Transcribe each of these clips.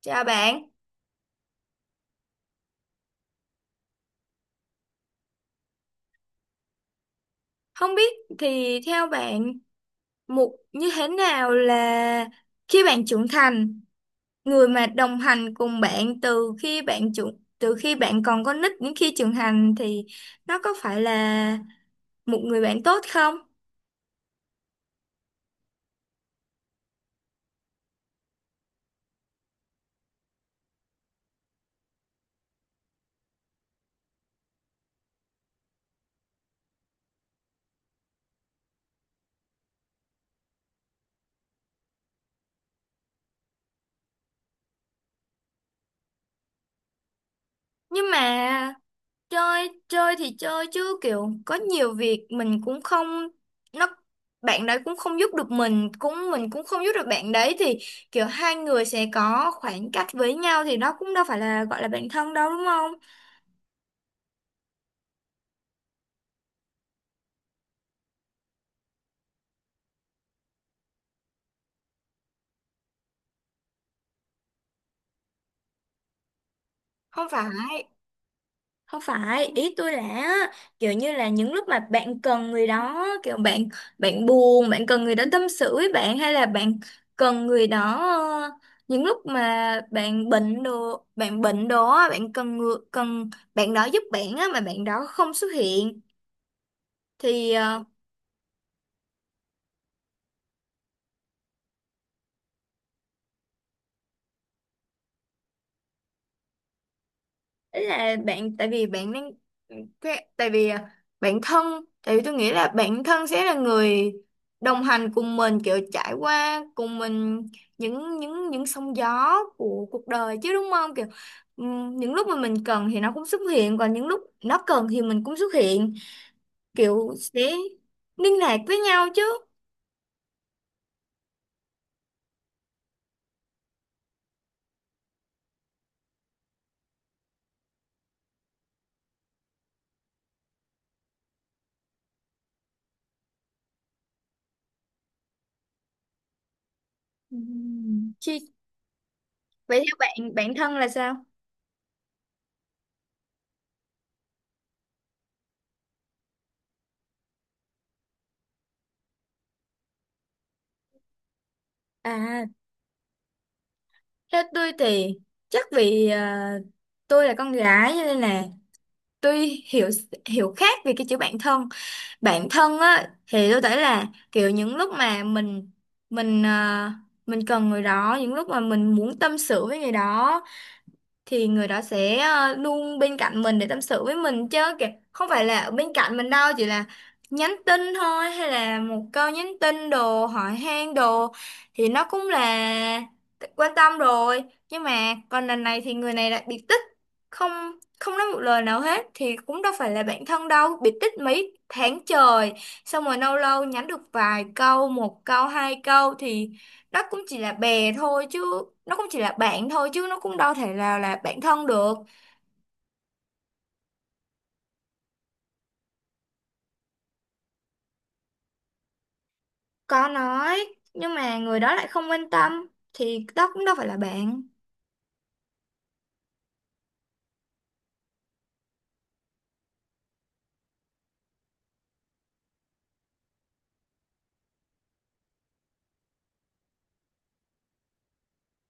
Chào bạn, không biết thì theo bạn một như thế nào là khi bạn trưởng thành, người mà đồng hành cùng bạn từ khi bạn còn con nít đến khi trưởng thành thì nó có phải là một người bạn tốt không? Nhưng mà chơi chơi thì chơi chứ kiểu có nhiều việc mình cũng không nó, bạn đấy cũng không giúp được mình cũng không giúp được bạn đấy thì kiểu hai người sẽ có khoảng cách với nhau thì đó cũng đâu phải là gọi là bạn thân đâu đúng không? không phải Không phải ý tôi là á, kiểu như là những lúc mà bạn cần người đó, kiểu bạn bạn buồn, bạn cần người đó tâm sự với bạn, hay là bạn cần người đó, ờ, những lúc mà bạn bệnh đồ á, cần bạn đó giúp bạn á mà bạn đó không xuất hiện thì đấy là bạn, tại vì bạn đang tại vì bạn thân, tại vì tôi nghĩ là bạn thân sẽ là người đồng hành cùng mình, kiểu trải qua cùng mình những sóng gió của cuộc đời chứ, đúng không? Kiểu những lúc mà mình cần thì nó cũng xuất hiện, còn những lúc nó cần thì mình cũng xuất hiện, kiểu sẽ liên lạc với nhau chứ. Chi, vậy theo bạn bạn thân là sao? À, theo tôi thì chắc vì tôi là con gái cho nên là tuy hiểu, hiểu khác về cái chữ bản thân. Bản thân á thì tôi thấy là kiểu những lúc mà mình mình cần người đó, những lúc mà mình muốn tâm sự với người đó thì người đó sẽ luôn bên cạnh mình để tâm sự với mình chứ kìa, không phải là ở bên cạnh mình đâu, chỉ là nhắn tin thôi, hay là một câu nhắn tin đồ hỏi han đồ thì nó cũng là quan tâm rồi. Nhưng mà còn lần này thì người này lại biệt tích, không không nói một lời nào hết thì cũng đâu phải là bạn thân đâu. Biệt tích mấy tháng trời xong rồi lâu lâu nhắn được vài câu, một câu hai câu thì nó cũng chỉ là bè thôi chứ, nó cũng chỉ là bạn thôi chứ, nó cũng đâu thể nào là bạn thân được. Có nói nhưng mà người đó lại không quan tâm thì đó cũng đâu phải là bạn.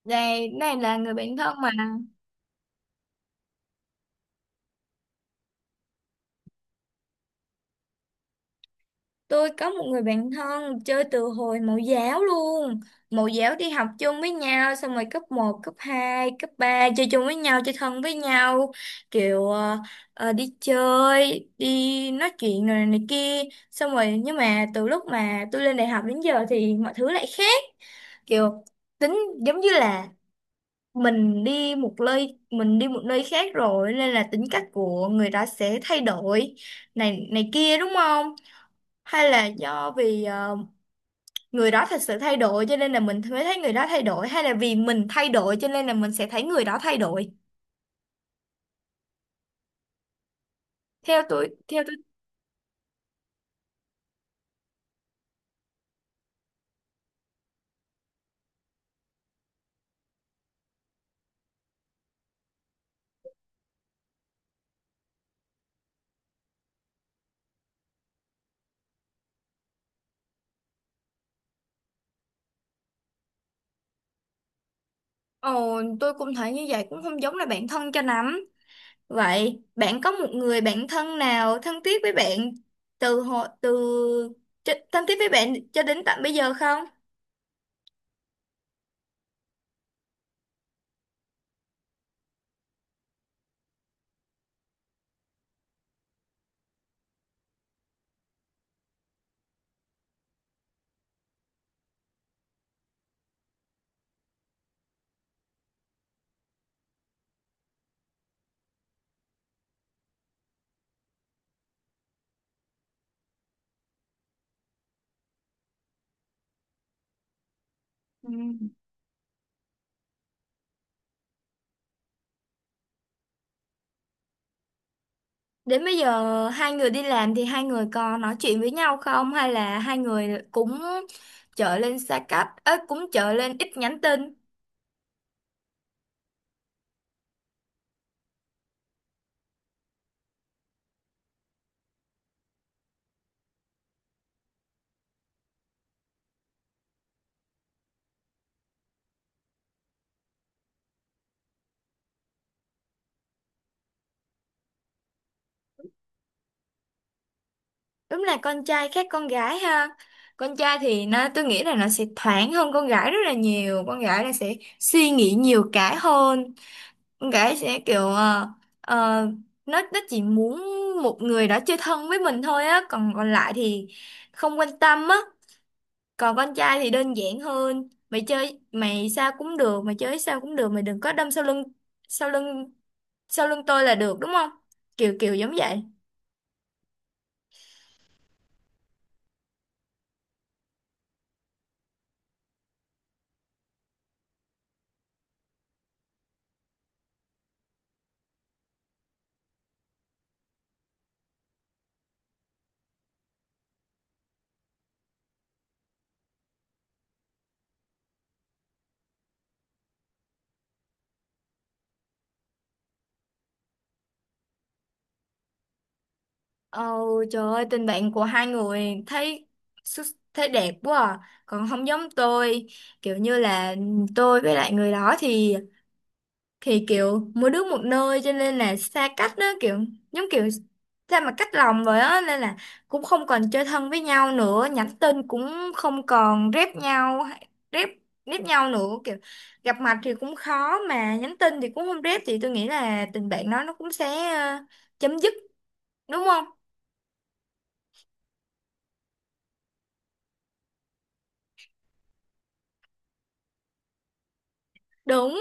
Này này là người bạn thân mà. Tôi có một người bạn thân chơi từ hồi mẫu giáo luôn. Mẫu giáo đi học chung với nhau, xong rồi cấp một cấp 2 cấp 3 chơi chung với nhau, chơi thân với nhau. Kiểu đi chơi, đi nói chuyện rồi này kia. Xong rồi nhưng mà từ lúc mà tôi lên đại học đến giờ thì mọi thứ lại khác. Kiểu tính, giống như là mình đi một nơi khác rồi nên là tính cách của người đó sẽ thay đổi này này kia, đúng không? Hay là do vì người đó thật sự thay đổi cho nên là mình mới thấy người đó thay đổi, hay là vì mình thay đổi cho nên là mình sẽ thấy người đó thay đổi? Theo tôi, ồ tôi cũng thấy như vậy, cũng không giống là bạn thân cho lắm. Vậy bạn có một người bạn thân nào thân thiết với bạn từ hồi từ thân thiết với bạn cho đến tận bây giờ không? Ừ. Đến bây giờ hai người đi làm thì hai người có nói chuyện với nhau không, hay là hai người cũng trở lên xa cách ấy, cũng trở lên ít nhắn tin? Đúng là con trai khác con gái ha. Con trai thì nó, tôi nghĩ là nó sẽ thoáng hơn con gái rất là nhiều. Con gái là sẽ suy nghĩ nhiều cái hơn. Con gái sẽ kiểu ờ, nó chỉ muốn một người đó chơi thân với mình thôi á, còn còn lại thì không quan tâm á. Còn con trai thì đơn giản hơn. Mày chơi mày sao cũng được, mày chơi sao cũng được, mày đừng có đâm sau lưng, sau lưng sau lưng tôi là được đúng không? Kiểu kiểu giống vậy. Ồ, trời ơi, tình bạn của hai người thấy xuất- thấy đẹp quá à. Còn không giống tôi, kiểu như là tôi với lại người đó thì kiểu mỗi đứa một nơi cho nên là xa cách đó, kiểu giống kiểu sao mà cách lòng vậy á, nên là cũng không còn chơi thân với nhau nữa, nhắn tin cũng không còn rep nhau, rep rep nhau nữa, kiểu gặp mặt thì cũng khó mà nhắn tin thì cũng không rep, thì tôi nghĩ là tình bạn đó nó cũng sẽ chấm dứt, đúng không? Đúng.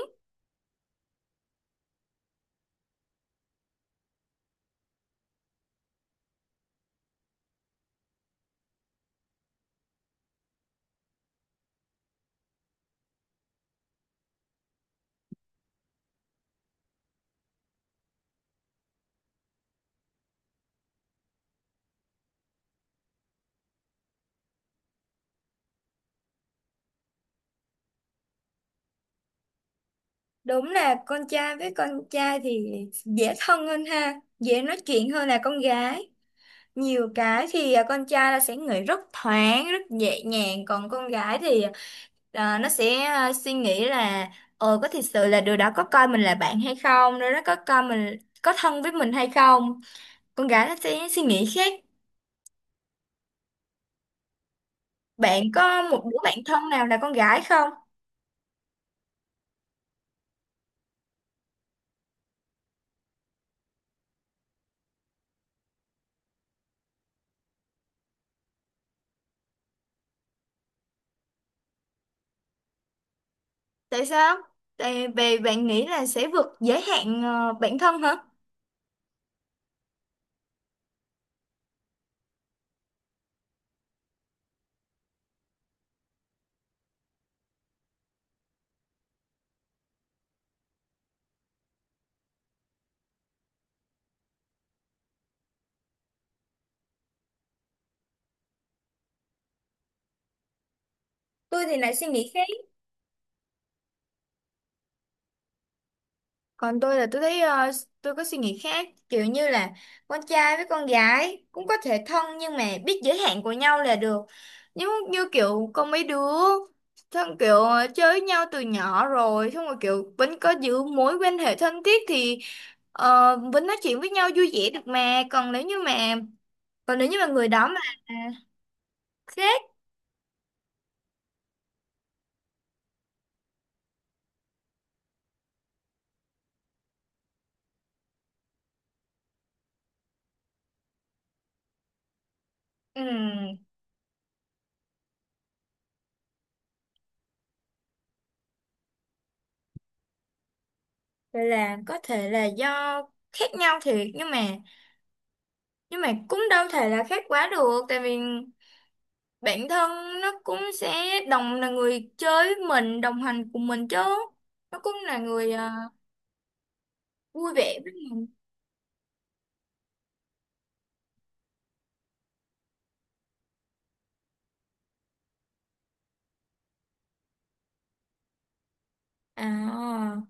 Đúng là con trai với con trai thì dễ thân hơn ha, dễ nói chuyện hơn là con gái. Nhiều cái thì con trai là sẽ nghĩ rất thoáng, rất nhẹ nhàng, còn con gái thì nó sẽ suy nghĩ là ờ có thật sự là đứa đó có coi mình là bạn hay không, đứa đó có coi mình, có thân với mình hay không. Con gái nó sẽ suy nghĩ khác. Bạn có một đứa bạn thân nào là con gái không? Tại sao? Tại vì bạn nghĩ là sẽ vượt giới hạn bản thân hả? Tôi thì lại suy nghĩ khác. Còn tôi là tôi thấy tôi có suy nghĩ khác, kiểu như là con trai với con gái cũng có thể thân nhưng mà biết giới hạn của nhau là được. Nhưng như kiểu có mấy đứa thân kiểu chơi với nhau từ nhỏ rồi xong rồi kiểu vẫn có giữ mối quan hệ thân thiết thì vẫn nói chuyện với nhau vui vẻ được mà. Còn nếu như mà người đó mà khác. ừm, Vậy là có thể là do khác nhau thiệt, nhưng mà cũng đâu thể là khác quá được, tại vì bạn thân nó cũng sẽ đồng, là người chơi với mình, đồng hành cùng mình chứ, nó cũng là người vui vẻ với mình. À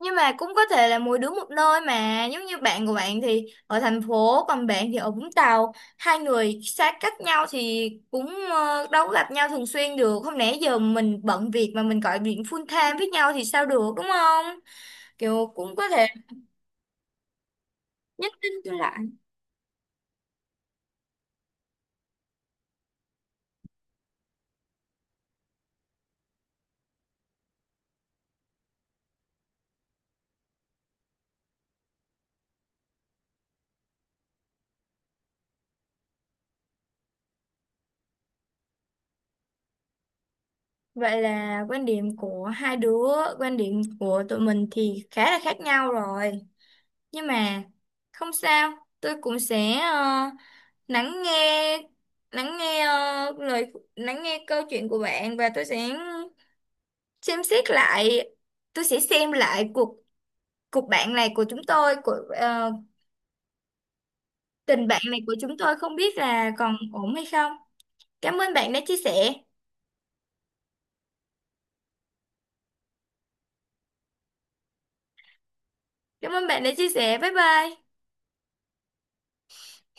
nhưng mà cũng có thể là mỗi đứa một nơi, mà giống như bạn của bạn thì ở thành phố còn bạn thì ở Vũng Tàu, hai người xa cách nhau thì cũng đâu có gặp nhau thường xuyên được, không lẽ giờ mình bận việc mà mình gọi điện full time với nhau thì sao được đúng không? Kiểu cũng có thể nhắn tin cho lại. Vậy là quan điểm của hai đứa, quan điểm của tụi mình thì khá là khác nhau rồi. Nhưng mà không sao, tôi cũng sẽ lắng nghe, lắng nghe câu chuyện của bạn và tôi sẽ xem xét lại, tôi sẽ xem lại cuộc cuộc bạn này của chúng tôi, của tình bạn này của chúng tôi không biết là còn ổn hay không. Cảm ơn bạn đã chia sẻ. Cảm ơn bạn đã chia sẻ. Bye bye.